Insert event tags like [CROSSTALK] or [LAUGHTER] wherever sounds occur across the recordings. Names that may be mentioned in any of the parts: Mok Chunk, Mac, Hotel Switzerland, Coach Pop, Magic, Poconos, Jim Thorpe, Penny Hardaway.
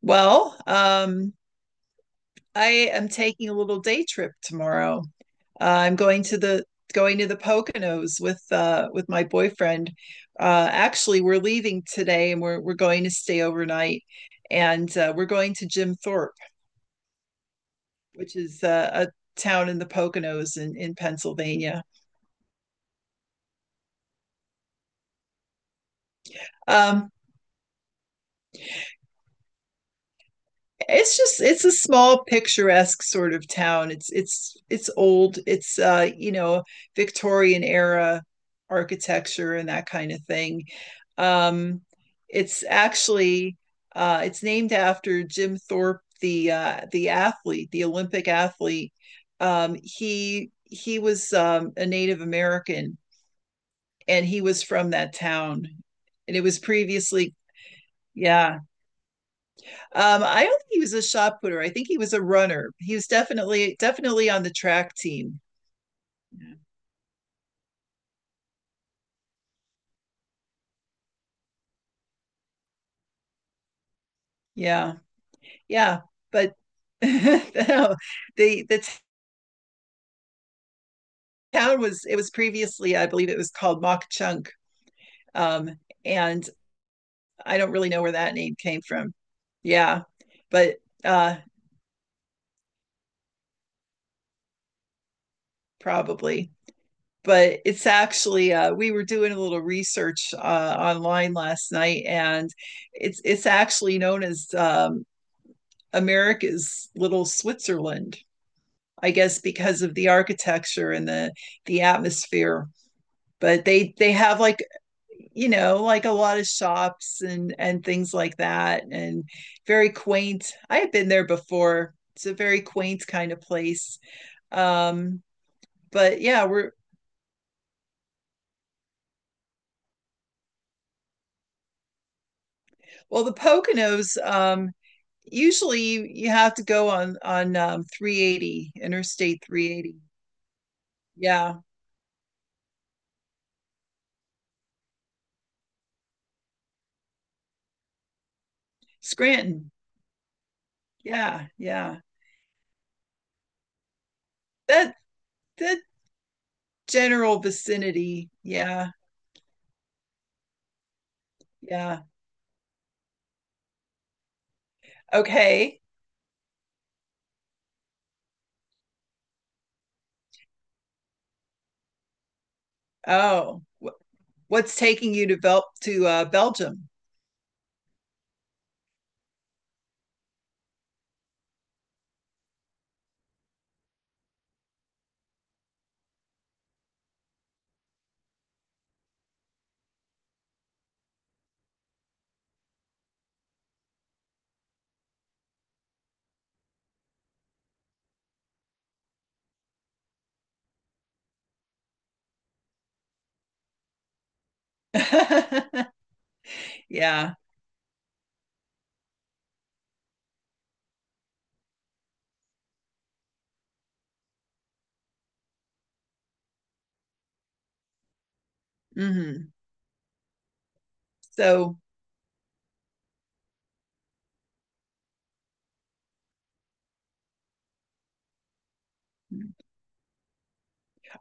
Well, um, I am taking a little day trip tomorrow. I'm going to the Poconos with my boyfriend. Actually, we're leaving today, and we're going to stay overnight, and we're going to Jim Thorpe, which is a town in the Poconos in Pennsylvania. Um, It's just it's a small picturesque sort of town. It's old. It's Victorian era architecture and that kind of thing. Um, it's actually it's named after Jim Thorpe, the athlete, the Olympic athlete. He was a Native American, and he was from that town, and it was previously yeah I don't think he was a shot putter. I think he was a runner. He was definitely on the track team. Yeah. Yeah. Yeah. But [LAUGHS] the town was it was previously, I believe it was called Mok Chunk. Um, and I don't really know where that name came from. Yeah. But uh probably. But it's actually we were doing a little research online last night, and it's actually known as America's little Switzerland, I guess because of the architecture and the atmosphere. But they have like like a lot of shops and things like that and very quaint. I have been there before. It's a very quaint kind of place. Um but yeah, we're well the Poconos usually you have to go on 380 interstate 380. Yeah. Scranton. Yeah, yeah that the general vicinity. Yeah, yeah. Okay. Oh, wh- what's taking you to Bel- to Belgium? [LAUGHS] Yeah. Hmm. So,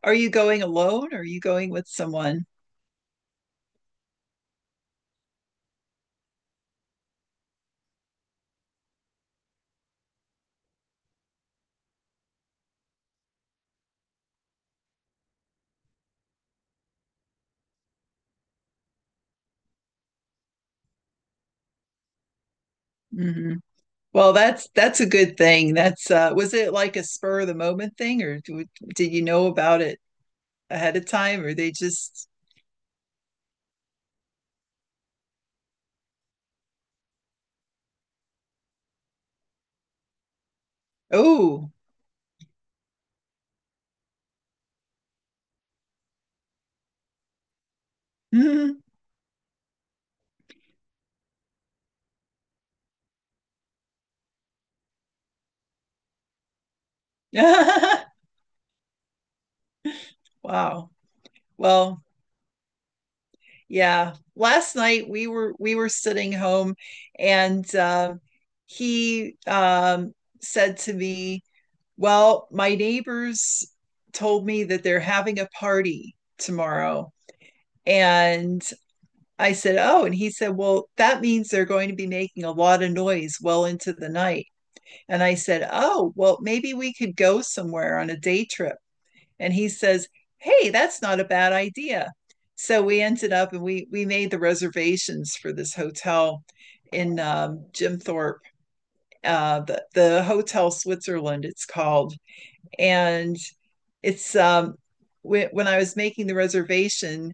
are you going alone? Or are you going with someone? Hmm. Well, that's a good thing. That's was it like a spur of the moment thing, or do, did you know about it ahead of time, or they just oh, hmm [LAUGHS] wow. Well, yeah last night we were sitting home and he said to me well my neighbors told me that they're having a party tomorrow and I said oh and he said well that means they're going to be making a lot of noise well into the night and I said oh well maybe we could go somewhere on a day trip and he says, hey, that's not a bad idea. So we ended up and we made the reservations for this hotel in Jim Thorpe, the Hotel Switzerland, it's called. And it's when I was making the reservation,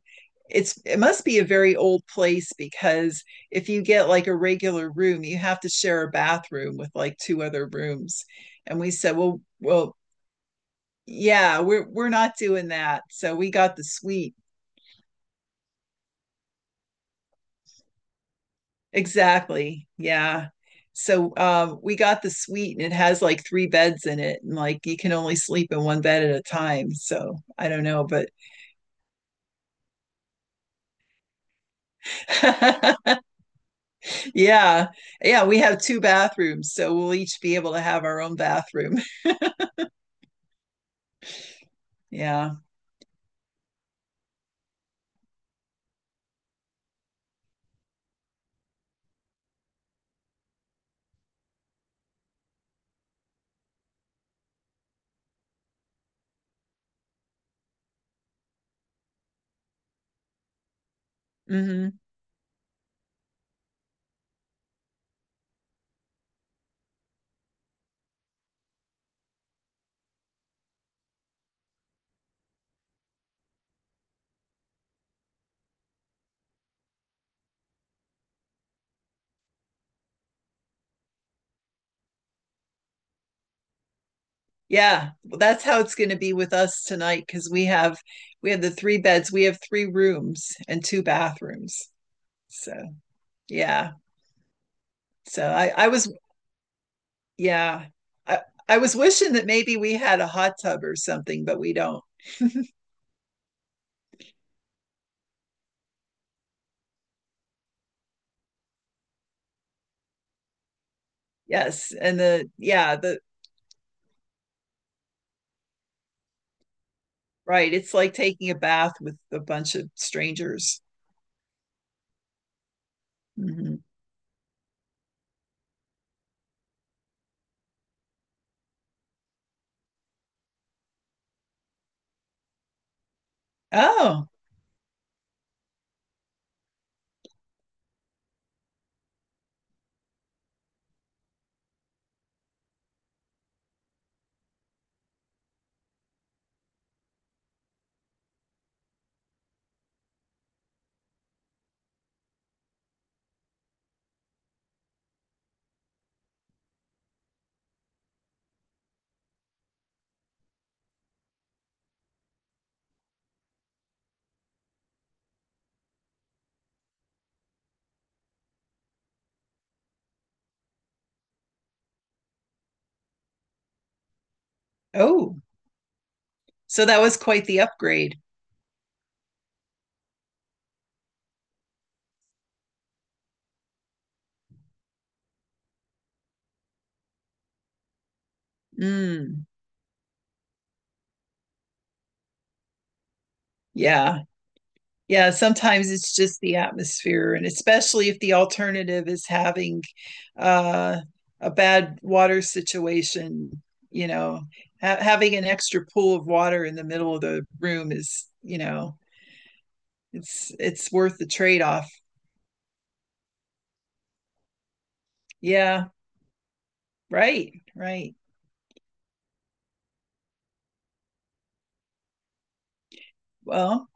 it must be a very old place because if you get like a regular room, you have to share a bathroom with like two other rooms. And we said, well, well, yeah, we're not doing that. So we got the suite. Exactly. Yeah. So we got the suite and it has like three beds in it and like you can only sleep in one bed at a time. So I don't know, but [LAUGHS] yeah. Yeah, we have two bathrooms, so we'll each be able to have our own bathroom. [LAUGHS] Yeah. Hmm. Yeah, well, that's how it's going to be with us tonight because we have the three beds, we have three rooms and two bathrooms. So, yeah. So I, I was, yeah, I, I was wishing that maybe we had a hot tub or something, but we don't. Yes. And the, yeah, the, right. It's like taking a bath with a bunch of strangers. Mhm. Oh, oh. So that was quite the upgrade. Mm, yeah. Yeah, sometimes it's just the atmosphere and especially if the alternative is having uh, a bad water situation you know ha- having an extra pool of water in the middle of the room is it's worth the trade-off yeah right right well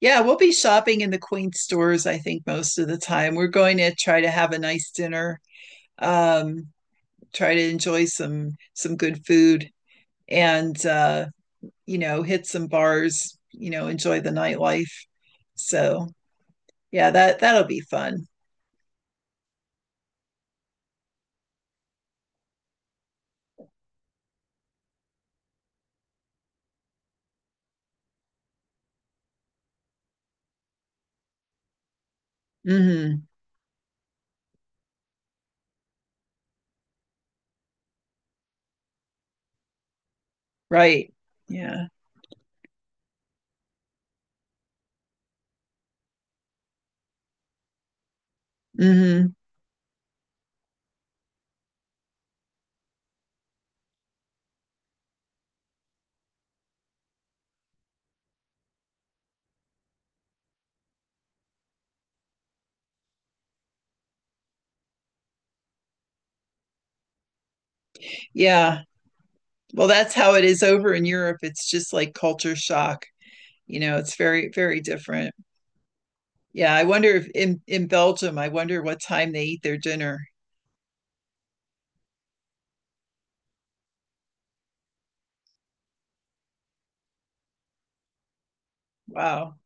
yeah we'll be shopping in the queen stores I think most of the time we're going to try to have a nice dinner um try to enjoy some good food and you know, hit some bars, you know, enjoy the nightlife. So yeah, that that'll be fun. Hmm. Right. Yeah. Hmm. Yeah. Well, that's how it is over in Europe. It's just like culture shock. You know, it's very, very different. Yeah. I wonder if in Belgium, I wonder what time they eat their dinner. Wow.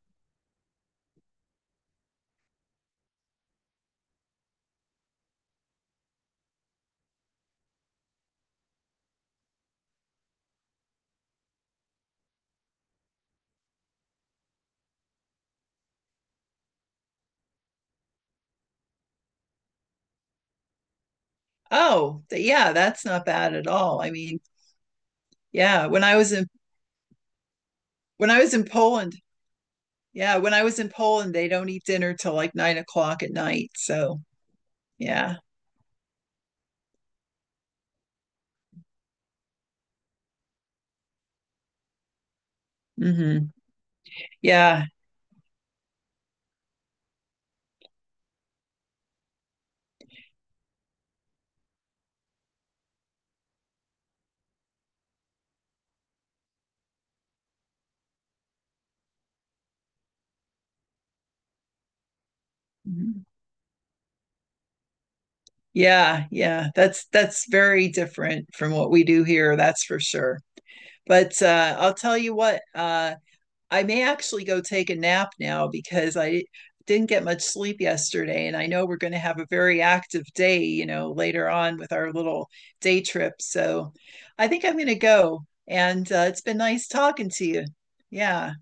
Oh, th- yeah, that's not bad at all. I mean, yeah, when I was in Poland, they don't eat dinner till like 9 o'clock at night. So yeah, hmm yeah, Mhm. yeah, yeah. That's very different from what we do here. That's for sure. But I'll tell you what. I may actually go take a nap now because I didn't get much sleep yesterday. And I know we're going to have a very active day, you know, later on with our little day trip. So I think I'm going to go. And it's been nice talking to you. Yeah.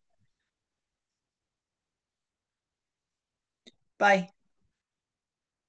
Bye.